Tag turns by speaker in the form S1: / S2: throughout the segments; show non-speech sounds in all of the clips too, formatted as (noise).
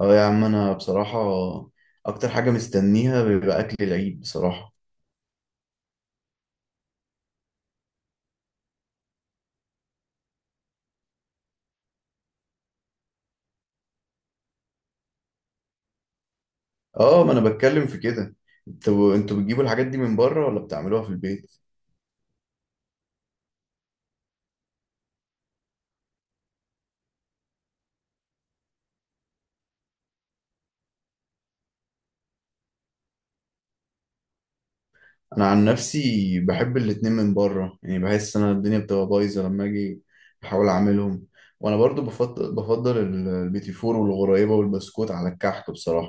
S1: اه يا عم، انا بصراحة اكتر حاجة مستنيها بيبقى اكل العيد بصراحة. اه، ما انا بتكلم في كده. انتوا بتجيبوا الحاجات دي من بره ولا بتعملوها في البيت؟ انا عن نفسي بحب الاتنين من بره، يعني بحس انا الدنيا بتبقى بايظة لما اجي احاول اعملهم. وانا برضو البيتي فور والغريبة والبسكوت على الكحك بصراحة.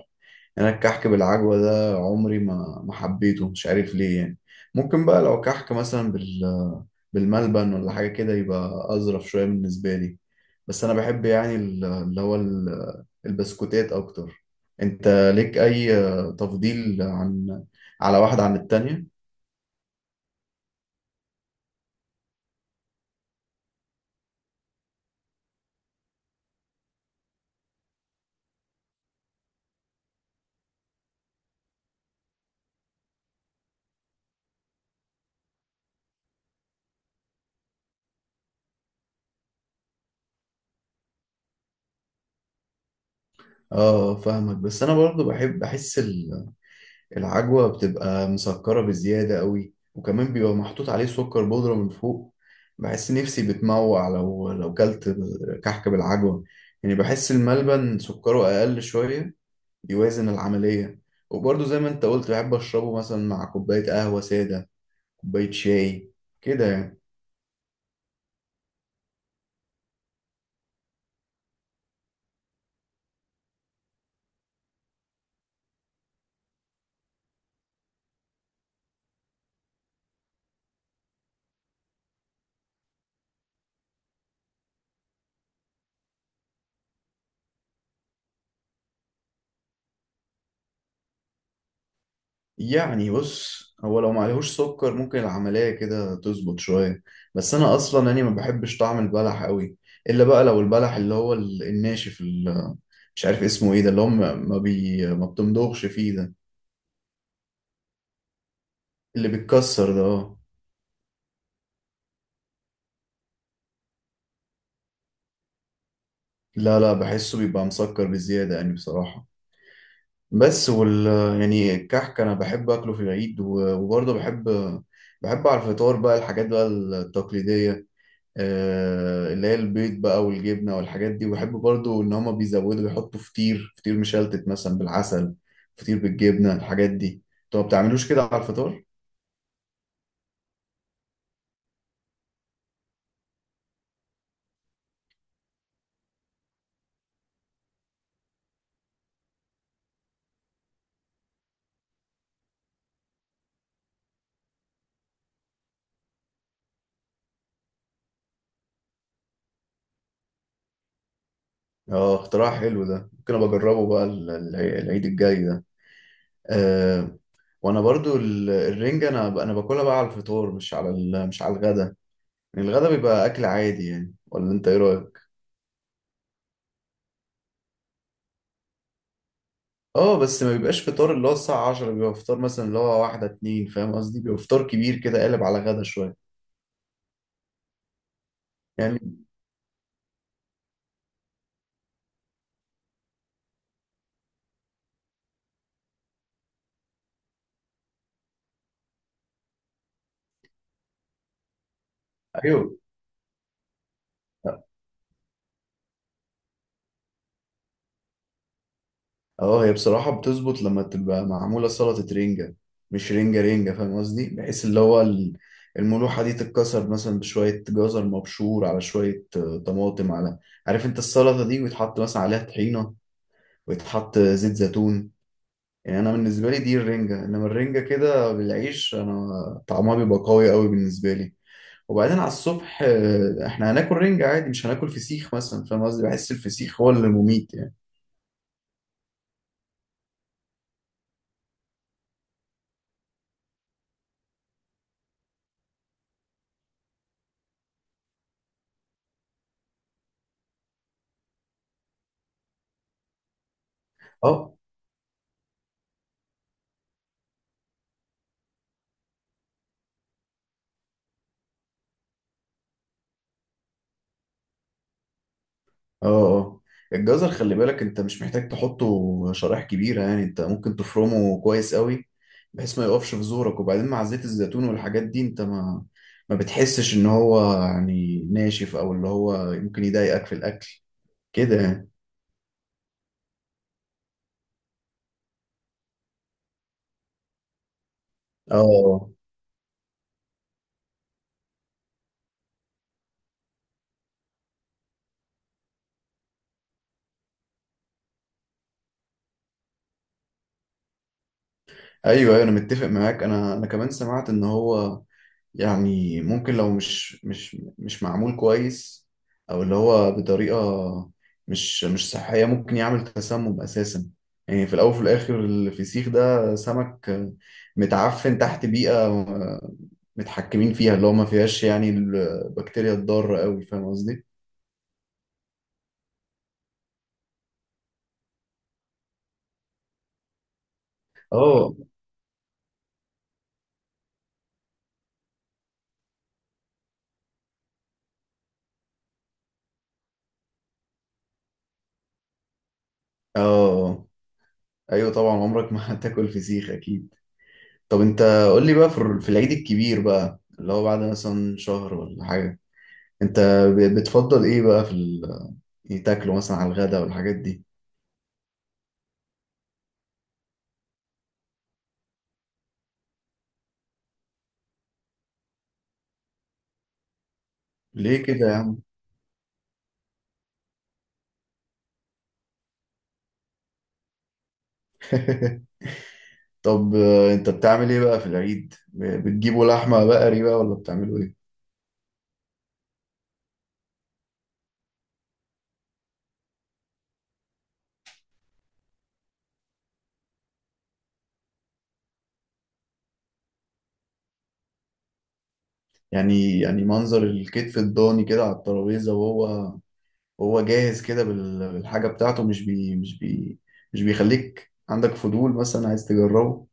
S1: يعني انا الكحك بالعجوة ده عمري ما حبيته، مش عارف ليه. يعني ممكن بقى لو كحك مثلا بالملبن ولا حاجة كده يبقى أظرف شوية بالنسبة لي. بس أنا بحب، يعني البسكوتات أكتر. أنت ليك أي تفضيل، عن على واحدة عن التانية؟ اه فاهمك. بس انا برضو بحب، بحس العجوة بتبقى مسكرة بزيادة قوي، وكمان بيبقى محطوط عليه سكر بودرة من فوق. بحس نفسي بتموع لو كلت كحك بالعجوة. يعني بحس الملبن سكره اقل شوية، يوازن العملية. وبرضه زي ما انت قلت، بحب اشربه مثلا مع كوباية قهوة سادة، كوباية شاي كده يعني. يعني بص، هو لو معلهوش سكر ممكن العملية كده تظبط شوية. بس انا اصلا يعني ما بحبش طعم البلح قوي، الا بقى لو البلح اللي هو الناشف، اللي مش عارف اسمه ايه، ده اللي هو ما بتمضغش فيه ده، اللي بيتكسر ده. اه. لا لا، بحسه بيبقى مسكر بزيادة يعني بصراحة. بس وال يعني الكحك انا بحب اكله في العيد. وبرضه بحب على الفطار بقى الحاجات بقى التقليديه، اللي هي البيض بقى والجبنه والحاجات دي. وبحب برضه ان هما بيزودوا بيحطوا فطير، فطير مشلتت مثلا بالعسل، فطير بالجبنه. الحاجات دي انتوا ما بتعملوش كده على الفطار؟ اه، اختراع حلو ده، ممكن ابقى اجربه بقى العيد الجاي ده. أه وانا برضو الرنجة انا باكلها بقى على الفطار، مش على مش على الغدا. يعني الغدا بيبقى اكل عادي يعني، ولا انت ايه رايك؟ اه، بس ما بيبقاش فطار، اللي هو الساعه 10 بيبقى فطار مثلا، اللي هو واحده اتنين فاهم قصدي، بيبقى فطار كبير كده قالب على غدا شويه يعني. ايوه. اه، هي بصراحه بتظبط لما تبقى معموله سلطه رنجه، مش رنجه رنجه فاهم قصدي، بحيث اللي هو الملوحه دي تتكسر مثلا بشويه جزر مبشور، على شويه طماطم، على عارف انت السلطه دي، ويتحط مثلا عليها طحينه ويتحط زيت زيتون. يعني انا بالنسبه لي دي الرنجه. انما الرنجه كده بالعيش، انا طعمها بيبقى قوي قوي بالنسبه لي. وبعدين على الصبح احنا هناكل رنجه عادي، مش هناكل فسيخ مثلا، فاهم قصدي؟ بحس الفسيخ هو اللي مميت يعني. اه اه. اه، الجزر خلي بالك، انت مش محتاج تحطه شرايح كبيره، يعني انت ممكن تفرمه كويس قوي بحيث ما يقفش في زورك. وبعدين مع زيت الزيتون والحاجات دي، انت ما بتحسش ان هو يعني ناشف، او اللي هو ممكن يضايقك في الاكل كده يعني. اه. ايوه ايوه، انا متفق معاك. انا كمان سمعت ان هو يعني ممكن لو مش مش معمول كويس، او اللي هو بطريقه مش صحيه، ممكن يعمل تسمم اساسا. يعني في الاول وفي الاخر، الفسيخ ده سمك متعفن تحت بيئه متحكمين فيها، اللي هو ما فيهاش يعني البكتيريا الضاره قوي، فاهم قصدي؟ اه اه. ايوه طبعا، عمرك ما (laughs) هتاكل فسيخ اكيد. طب انت قول لي بقى، في في العيد الكبير بقى، اللي هو بعد مثلا شهر ولا حاجة، انت بتفضل ايه بقى في ال...، يعني تاكله مثلا على الغدا والحاجات دي؟ ليه كده يا عم؟ (laughs) طب انت بتعمل ايه بقى في العيد؟ بتجيبوا لحمة بقري بقى، ولا بتعملوا ايه؟ يعني، يعني منظر الكتف الضاني كده على الترابيزة، وهو وهو جاهز كده بالحاجة بتاعته، مش مش بيخليك عندك فضول مثلا عايز تجربه؟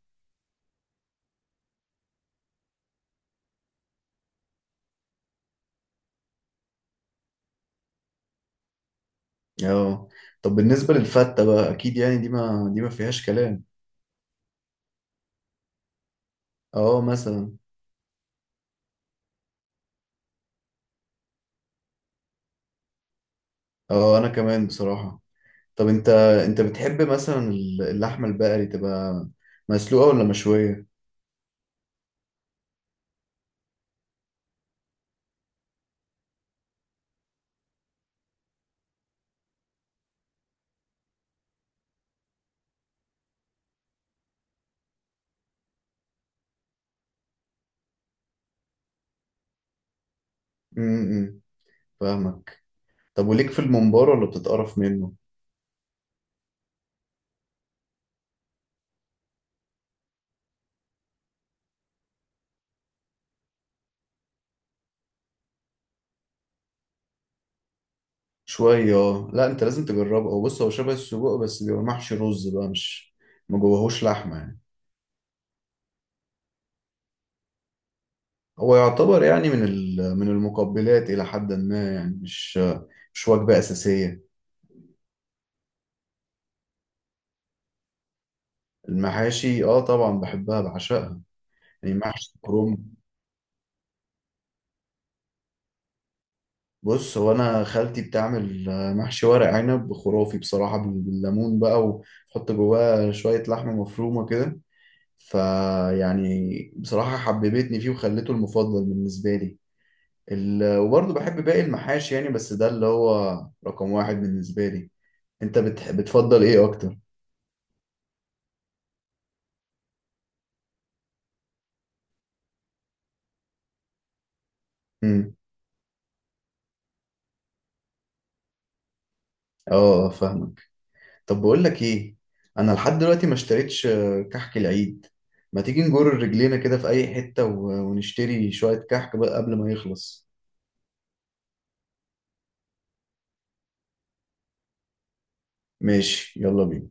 S1: اه. طب بالنسبة للفتة بقى، أكيد يعني دي، ما فيهاش كلام. اه مثلا. اه أنا كمان بصراحة. طب أنت بتحب مثلا اللحمة البقري تبقى مسلوقة ولا مشوية؟ امم فاهمك. طب وليك في الممبار، ولا بتتقرف منه؟ شوية اه. لا، أنت لازم تجربه. هو بص، هو شبه السجق، بس بيبقى محشي رز بقى، مش ما جواهوش لحمة يعني. هو يعتبر يعني من ال...، من المقبلات إلى حد ما يعني، مش وجبة أساسية. المحاشي، اه طبعا بحبها بعشقها. يعني محشي كروم، بص هو انا خالتي بتعمل محشي ورق عنب خرافي بصراحة، بالليمون بقى، وتحط جواه شوية لحمة مفرومة كده. فيعني بصراحة حببتني فيه وخليته المفضل بالنسبة لي. ال...، وبرضه بحب باقي المحاشي يعني، بس ده اللي هو رقم واحد بالنسبة لي. انت بتفضل ايه اكتر؟ امم اه، فاهمك. طب بقول لك ايه، انا لحد دلوقتي ما اشتريتش كحك العيد. ما تيجي نجر رجلينا كده في اي حتة، ونشتري شوية كحك بقى قبل ما يخلص. ماشي يلا بينا.